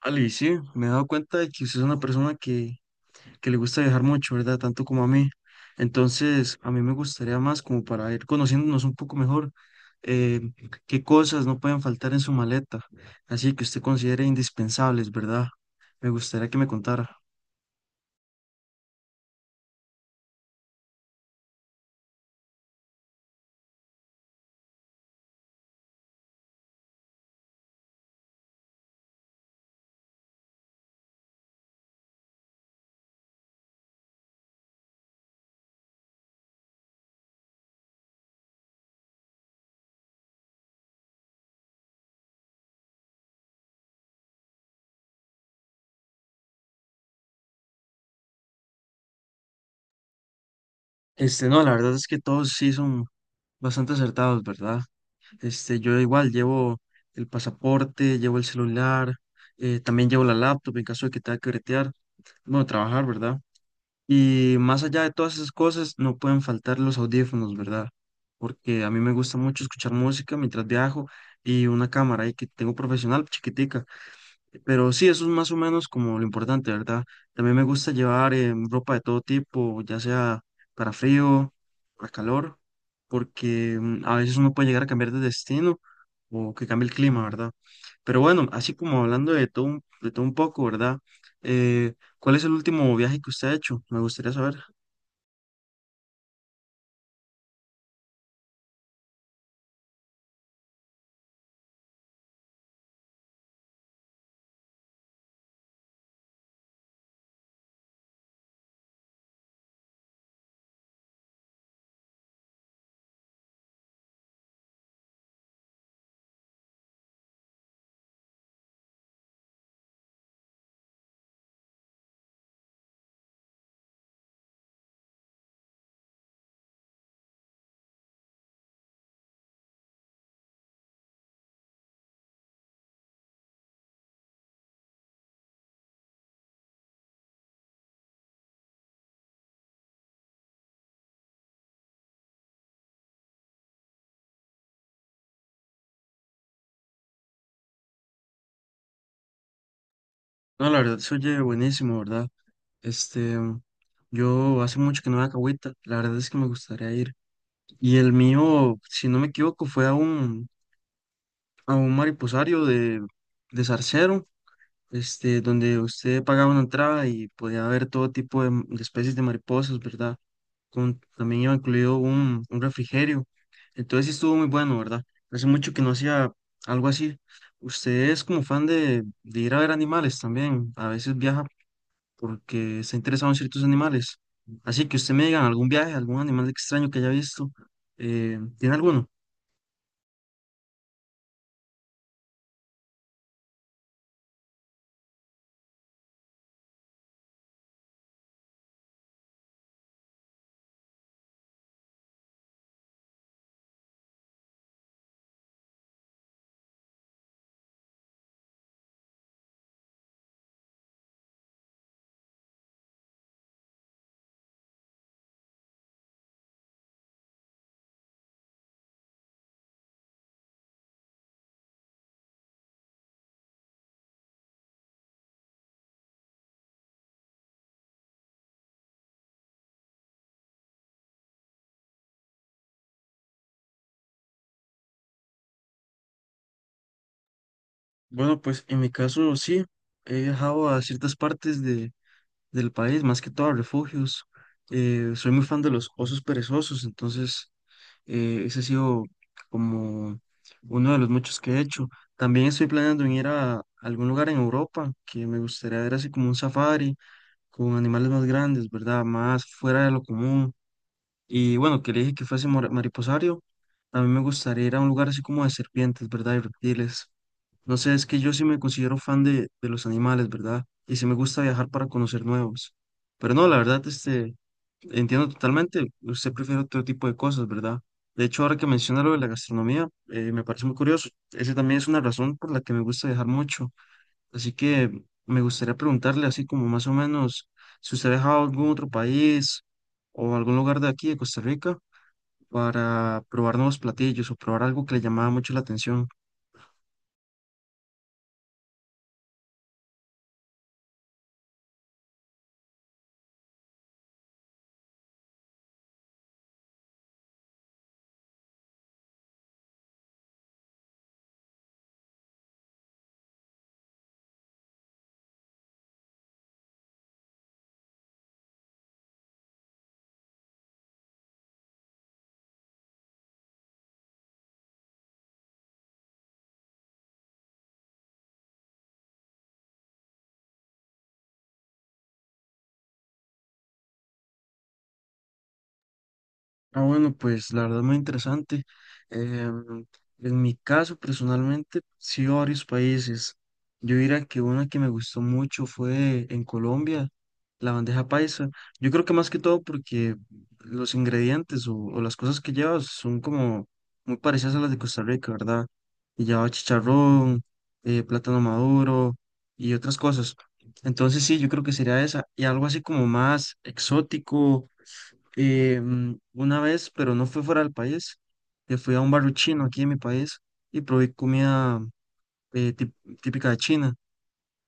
Ali, sí, me he dado cuenta de que usted es una persona que le gusta viajar mucho, ¿verdad? Tanto como a mí. Entonces, a mí me gustaría, más como para ir conociéndonos un poco mejor, eh, qué cosas no pueden faltar en su maleta, así que usted considere indispensables, ¿verdad? Me gustaría que me contara. Este, no, la verdad es que todos sí son bastante acertados, ¿verdad? Este, yo igual llevo el pasaporte, llevo el celular, también llevo la laptop en caso de que tenga que bretear, bueno, trabajar, ¿verdad? Y más allá de todas esas cosas, no pueden faltar los audífonos, ¿verdad? Porque a mí me gusta mucho escuchar música mientras viajo y una cámara ahí que tengo profesional, chiquitica. Pero sí, eso es más o menos como lo importante, ¿verdad? También me gusta llevar ropa de todo tipo, ya sea para frío, para calor, porque a veces uno puede llegar a cambiar de destino o que cambie el clima, ¿verdad? Pero bueno, así como hablando de todo, de todo un poco, ¿verdad? Eh, ¿Cuál es el último viaje que usted ha hecho? Me gustaría saber. No, la verdad se oye buenísimo, ¿verdad? Este, yo hace mucho que no voy a Cahuita, la verdad es que me gustaría ir. Y el mío, si no me equivoco, fue a a un mariposario de Zarcero, este, donde usted pagaba una entrada y podía ver todo tipo de, de especies de mariposas, ¿verdad? Con, también iba incluido un refrigerio. Entonces sí estuvo muy bueno, ¿verdad? Hace mucho que no hacía algo así. Usted es como fan de ir a ver animales también. A veces viaja porque está interesado en ciertos animales. Así que usted me diga algún viaje, algún animal extraño que haya visto. ¿Tiene alguno? Bueno, pues en mi caso sí, he viajado a ciertas partes del país, más que todo a refugios. Soy muy fan de los osos perezosos, entonces ese ha sido como uno de los muchos que he hecho. También estoy planeando en ir a algún lugar en Europa, que me gustaría ver así como un safari, con animales más grandes, ¿verdad? Más fuera de lo común. Y bueno, que le dije que fuese mariposario, a mí me gustaría ir a un lugar así como de serpientes, ¿verdad? Y reptiles. No sé, es que yo sí me considero fan de los animales, ¿verdad? Y sí me gusta viajar para conocer nuevos. Pero no, la verdad, este, entiendo totalmente, usted prefiere otro tipo de cosas, ¿verdad? De hecho, ahora que menciona lo de la gastronomía, me parece muy curioso. Esa también es una razón por la que me gusta viajar mucho. Así que me gustaría preguntarle así como más o menos si usted ha viajado a algún otro país o algún lugar de aquí, de Costa Rica, para probar nuevos platillos o probar algo que le llamaba mucho la atención. Ah, bueno, pues la verdad muy interesante. Em, en mi caso, personalmente, sí, varios países. Yo diría que una que me gustó mucho fue en Colombia, la bandeja paisa. Yo creo que más que todo porque los ingredientes o las cosas que lleva son como muy parecidas a las de Costa Rica, ¿verdad? Y lleva chicharrón, plátano maduro y otras cosas. Entonces sí, yo creo que sería esa. Y algo así como más exótico una vez, pero no fue fuera del país, que fui a un barrio chino aquí en mi país y probé comida eh, tip- típica de China,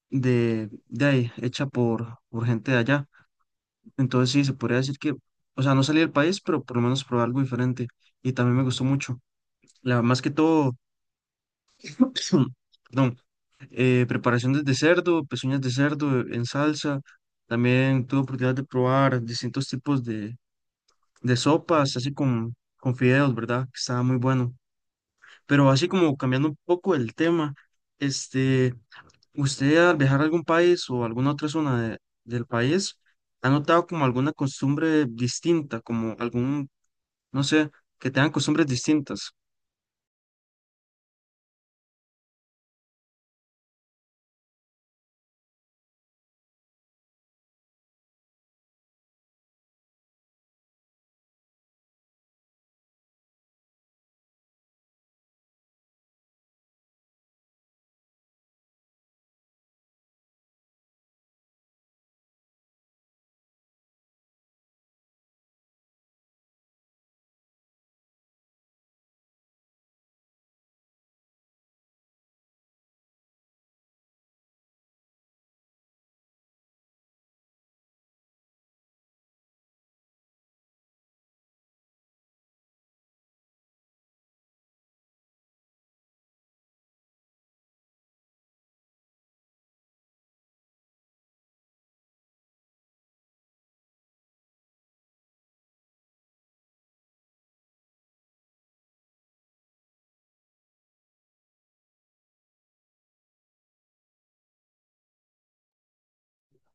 de ahí, hecha por gente de allá. Entonces sí, se podría decir que, o sea, no salí del país, pero por lo menos probé algo diferente y también me gustó mucho. La, más que todo, perdón, preparaciones de cerdo, pezuñas de cerdo en salsa. También tuve oportunidad de probar distintos tipos de sopas, así con fideos, ¿verdad? Que estaba muy bueno. Pero así como cambiando un poco el tema, este, ¿usted al viajar a algún país o alguna otra zona del país ha notado como alguna costumbre distinta, como algún, no sé, que tengan costumbres distintas?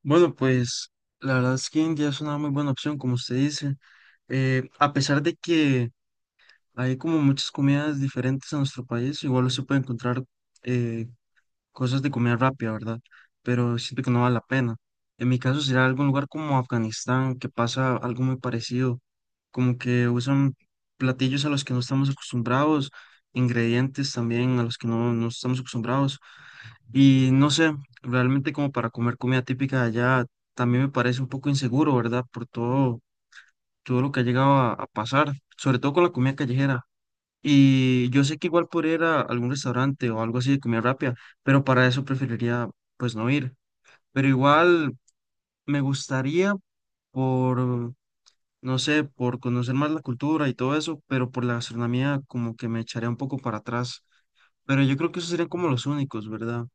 Bueno, pues la verdad es que India es una muy buena opción, como usted dice. A pesar de que hay como muchas comidas diferentes en nuestro país, igual se puede encontrar cosas de comida rápida, ¿verdad? Pero siento que no vale la pena. En mi caso sería algún lugar como Afganistán, que pasa algo muy parecido, como que usan platillos a los que no estamos acostumbrados, ingredientes también a los que no, no estamos acostumbrados. Y no sé, realmente como para comer comida típica de allá, también me parece un poco inseguro, ¿verdad? Por todo, todo lo que ha llegado a pasar, sobre todo con la comida callejera. Y yo sé que igual podría ir a algún restaurante o algo así de comida rápida, pero para eso preferiría pues no ir. Pero igual me gustaría por, no sé, por conocer más la cultura y todo eso, pero por la gastronomía como que me echaría un poco para atrás. Pero yo creo que esos serían como los únicos, ¿verdad?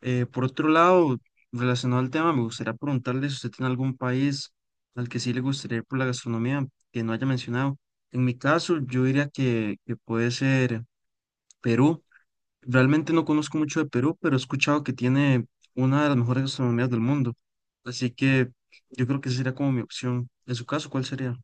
Por otro lado, relacionado al tema, me gustaría preguntarle si usted tiene algún país al que sí le gustaría ir por la gastronomía que no haya mencionado. En mi caso, yo diría que puede ser Perú. Realmente no conozco mucho de Perú, pero he escuchado que tiene una de las mejores gastronomías del mundo. Así que yo creo que esa sería como mi opción. En su caso, ¿cuál sería?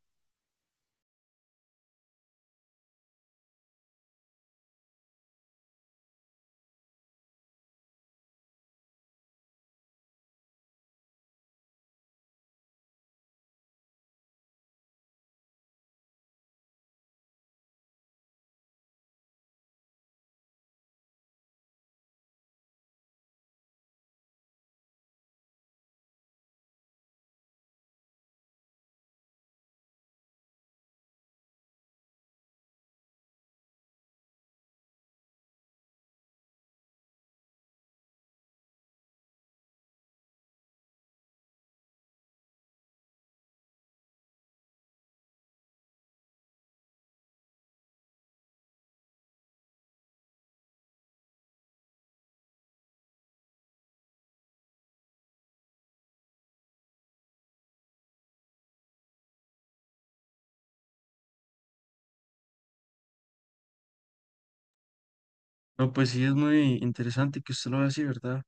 No, pues sí, es muy interesante que usted lo vea así, ¿verdad?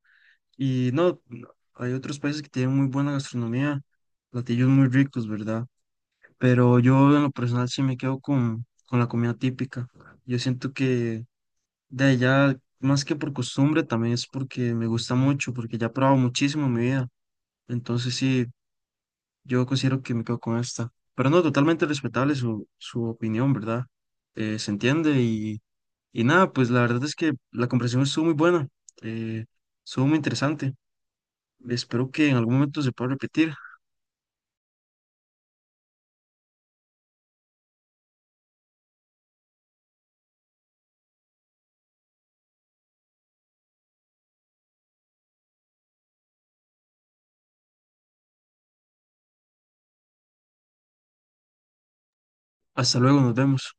Y no, no, hay otros países que tienen muy buena gastronomía, platillos muy ricos, ¿verdad? Pero yo en lo personal sí me quedo con la comida típica. Yo siento que de allá, más que por costumbre, también es porque me gusta mucho, porque ya he probado muchísimo en mi vida. Entonces sí. Yo considero que me quedo con esta. Pero no, totalmente respetable su opinión, ¿verdad? Se entiende y nada, pues la verdad es que la conversación estuvo muy buena, eh, estuvo muy interesante. Espero que en algún momento se pueda repetir. Hasta luego, nos vemos.